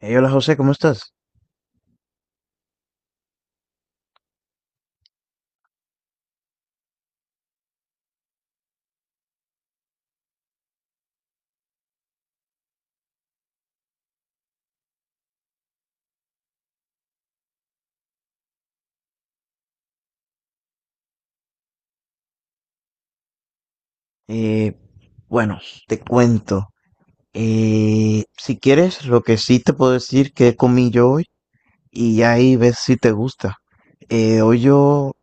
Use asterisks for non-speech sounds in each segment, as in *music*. Hey, hola José, ¿cómo estás? Eh, bueno, te cuento. Si quieres, lo que sí te puedo decir que comí yo hoy y ya ahí ves si te gusta. Eh, hoy yo,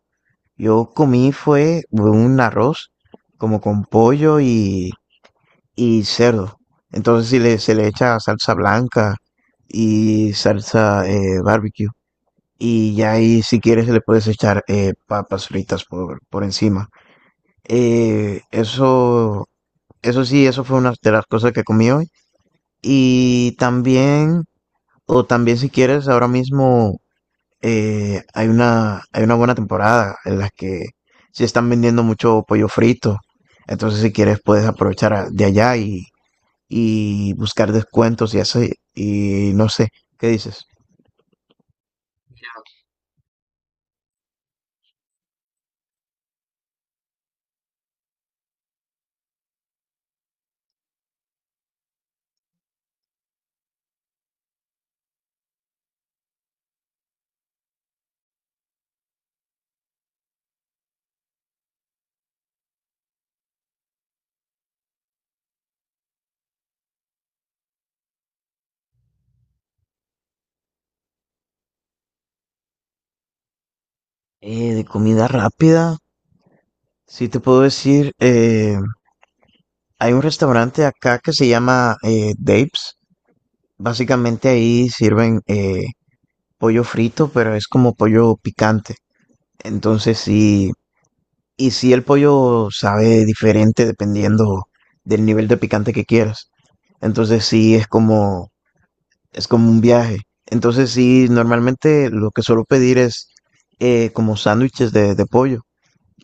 yo comí fue un arroz como con pollo y cerdo. Entonces si le, se le echa salsa blanca y salsa barbecue. Y ya ahí si quieres le puedes echar papas fritas por encima. Eh, eso Eso sí, eso fue una de las cosas que comí hoy. Y también, o también si quieres, ahora mismo hay hay una buena temporada en la que sí están vendiendo mucho pollo frito. Entonces, si quieres, puedes aprovechar de allá y buscar descuentos y así. Y no sé, ¿qué dices? De comida rápida, sí te puedo decir, hay un restaurante acá que se llama Dave's. Básicamente ahí sirven pollo frito, pero es como pollo picante. Entonces sí, y sí el pollo sabe diferente dependiendo del nivel de picante que quieras. Entonces sí es como, es como un viaje. Entonces sí, normalmente lo que suelo pedir es como sándwiches de pollo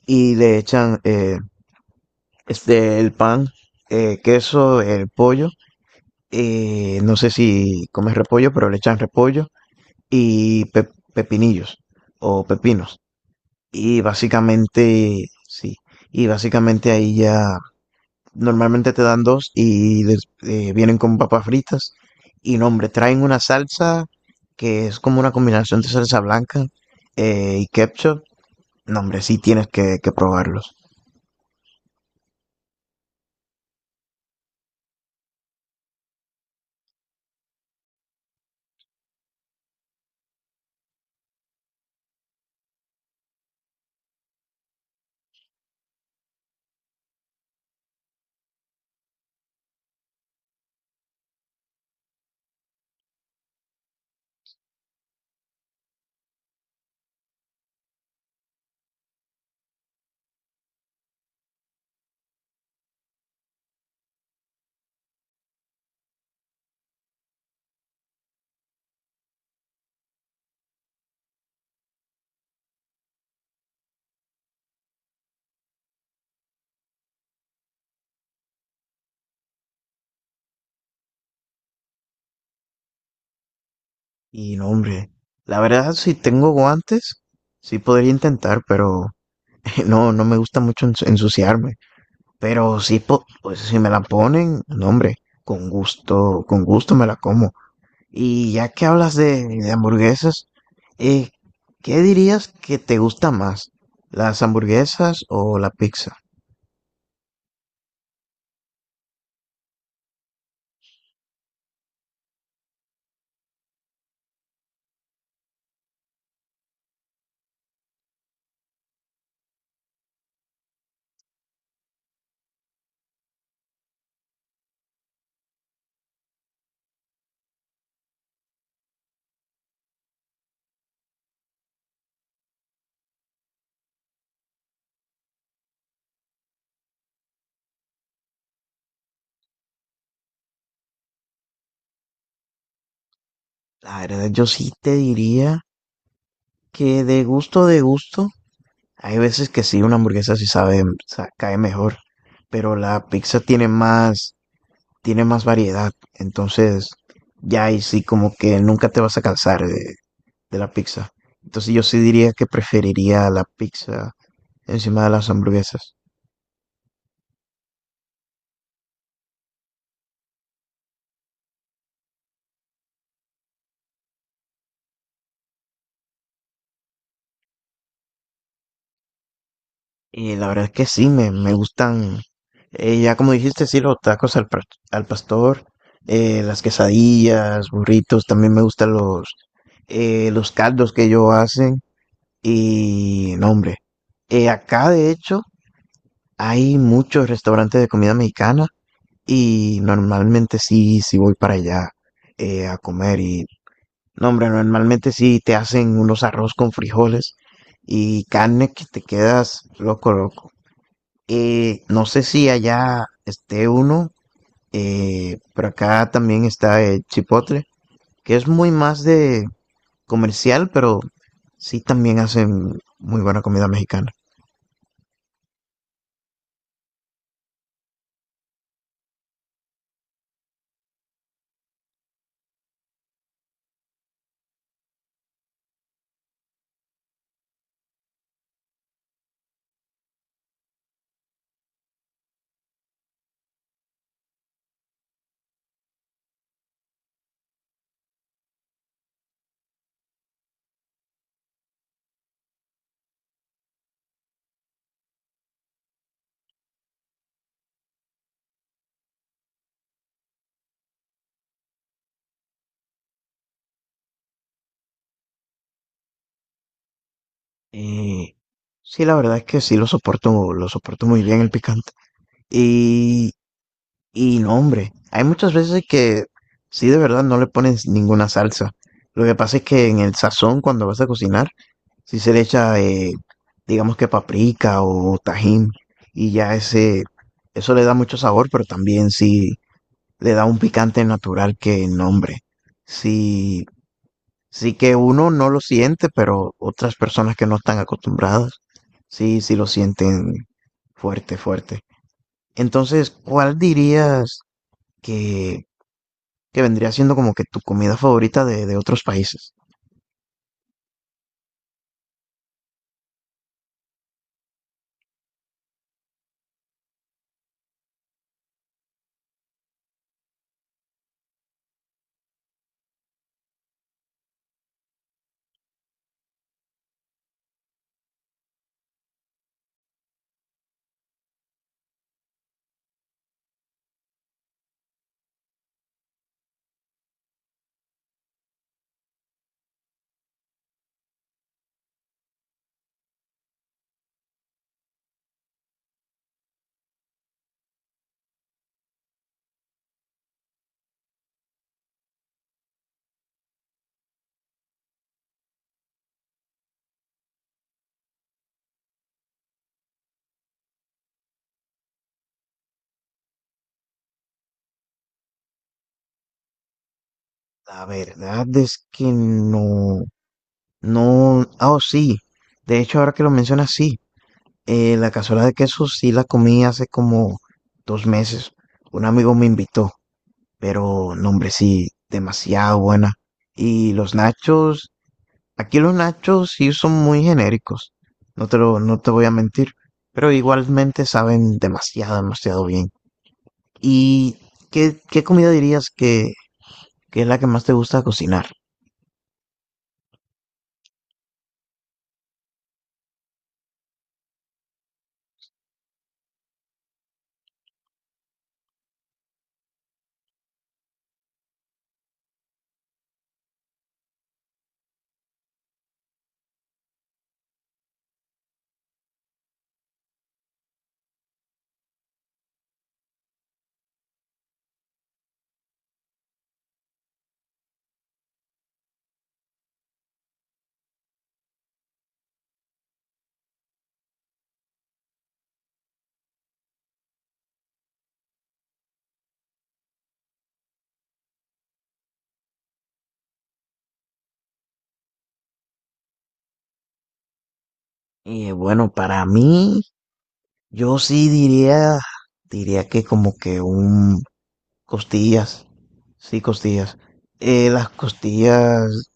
y le echan el pan, queso, el pollo. No sé si comes repollo, pero le echan repollo y pepinillos o pepinos. Y básicamente, sí, y básicamente ahí ya normalmente te dan dos y vienen con papas fritas. Y no, hombre, traen una salsa que es como una combinación de salsa blanca y ketchup. No, hombre, sí tienes que probarlos. Y no, hombre, la verdad, si tengo guantes, sí podría intentar, pero *laughs* no, no me gusta mucho ensuciarme. Pero sí, pues si me la ponen, no, hombre, con gusto me la como. Y ya que hablas de hamburguesas, eh, ¿qué dirías que te gusta más? ¿Las hamburguesas o la pizza? La verdad, yo sí te diría que de gusto, hay veces que sí, una hamburguesa sí sabe, cae mejor, pero la pizza tiene más variedad, entonces ya ahí sí como que nunca te vas a cansar de la pizza. Entonces yo sí diría que preferiría la pizza encima de las hamburguesas. Y la verdad es que sí, me gustan, ya como dijiste, sí, los tacos al pastor, las quesadillas, burritos, también me gustan los caldos que ellos hacen y no, hombre. Acá de hecho hay muchos restaurantes de comida mexicana y normalmente sí, sí voy para allá a comer y no, hombre, normalmente sí te hacen unos arroz con frijoles y carne que te quedas loco, loco. No sé si allá esté uno, pero acá también está el chipotle, que es muy más de comercial, pero sí también hacen muy buena comida mexicana. Eh, sí, la verdad es que sí lo soporto muy bien el picante. Y, y no, hombre, hay muchas veces que sí de verdad no le pones ninguna salsa. Lo que pasa es que en el sazón, cuando vas a cocinar, si se le echa, digamos que paprika o tajín, y ya ese, eso le da mucho sabor, pero también sí le da un picante natural que nombre. Sí, sí que uno no lo siente, pero otras personas que no están acostumbradas, sí, sí lo sienten fuerte, fuerte. Entonces, ¿cuál dirías que, que vendría siendo como que tu comida favorita de otros países? La verdad es que no. No, ah, oh, sí. De hecho, ahora que lo mencionas, sí. La cazuela de queso sí la comí hace como dos meses. Un amigo me invitó, pero no, hombre, sí, demasiado buena. Y los nachos, aquí los nachos sí son muy genéricos. No te lo, no te voy a mentir, pero igualmente saben demasiado, demasiado bien. ¿Y qué, qué comida dirías que es la que más te gusta cocinar? Y bueno, para mí, Yo sí diría, diría que como que un costillas, sí, costillas. Las costillas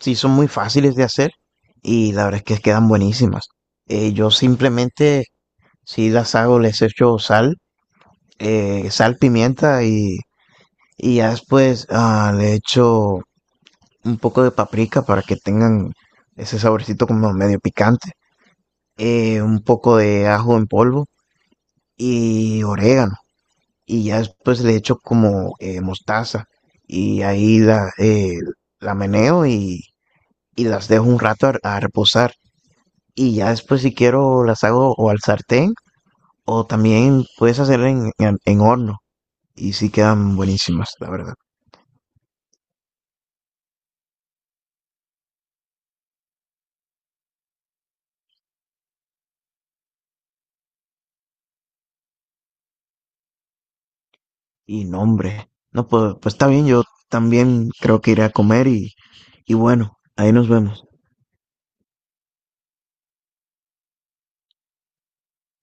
sí son muy fáciles de hacer y la verdad es que quedan buenísimas. Yo simplemente, si las hago, les echo sal, sal, pimienta y ya después le echo un poco de paprika para que tengan ese saborcito como medio picante, un poco de ajo en polvo y orégano. Y ya después le echo como mostaza y la meneo y las dejo un rato a reposar. Y ya después si quiero las hago o al sartén o también puedes hacer en horno y sí quedan buenísimas, la verdad. Y nombre. No, pues está bien, yo también creo que iré a comer y bueno, ahí nos vemos.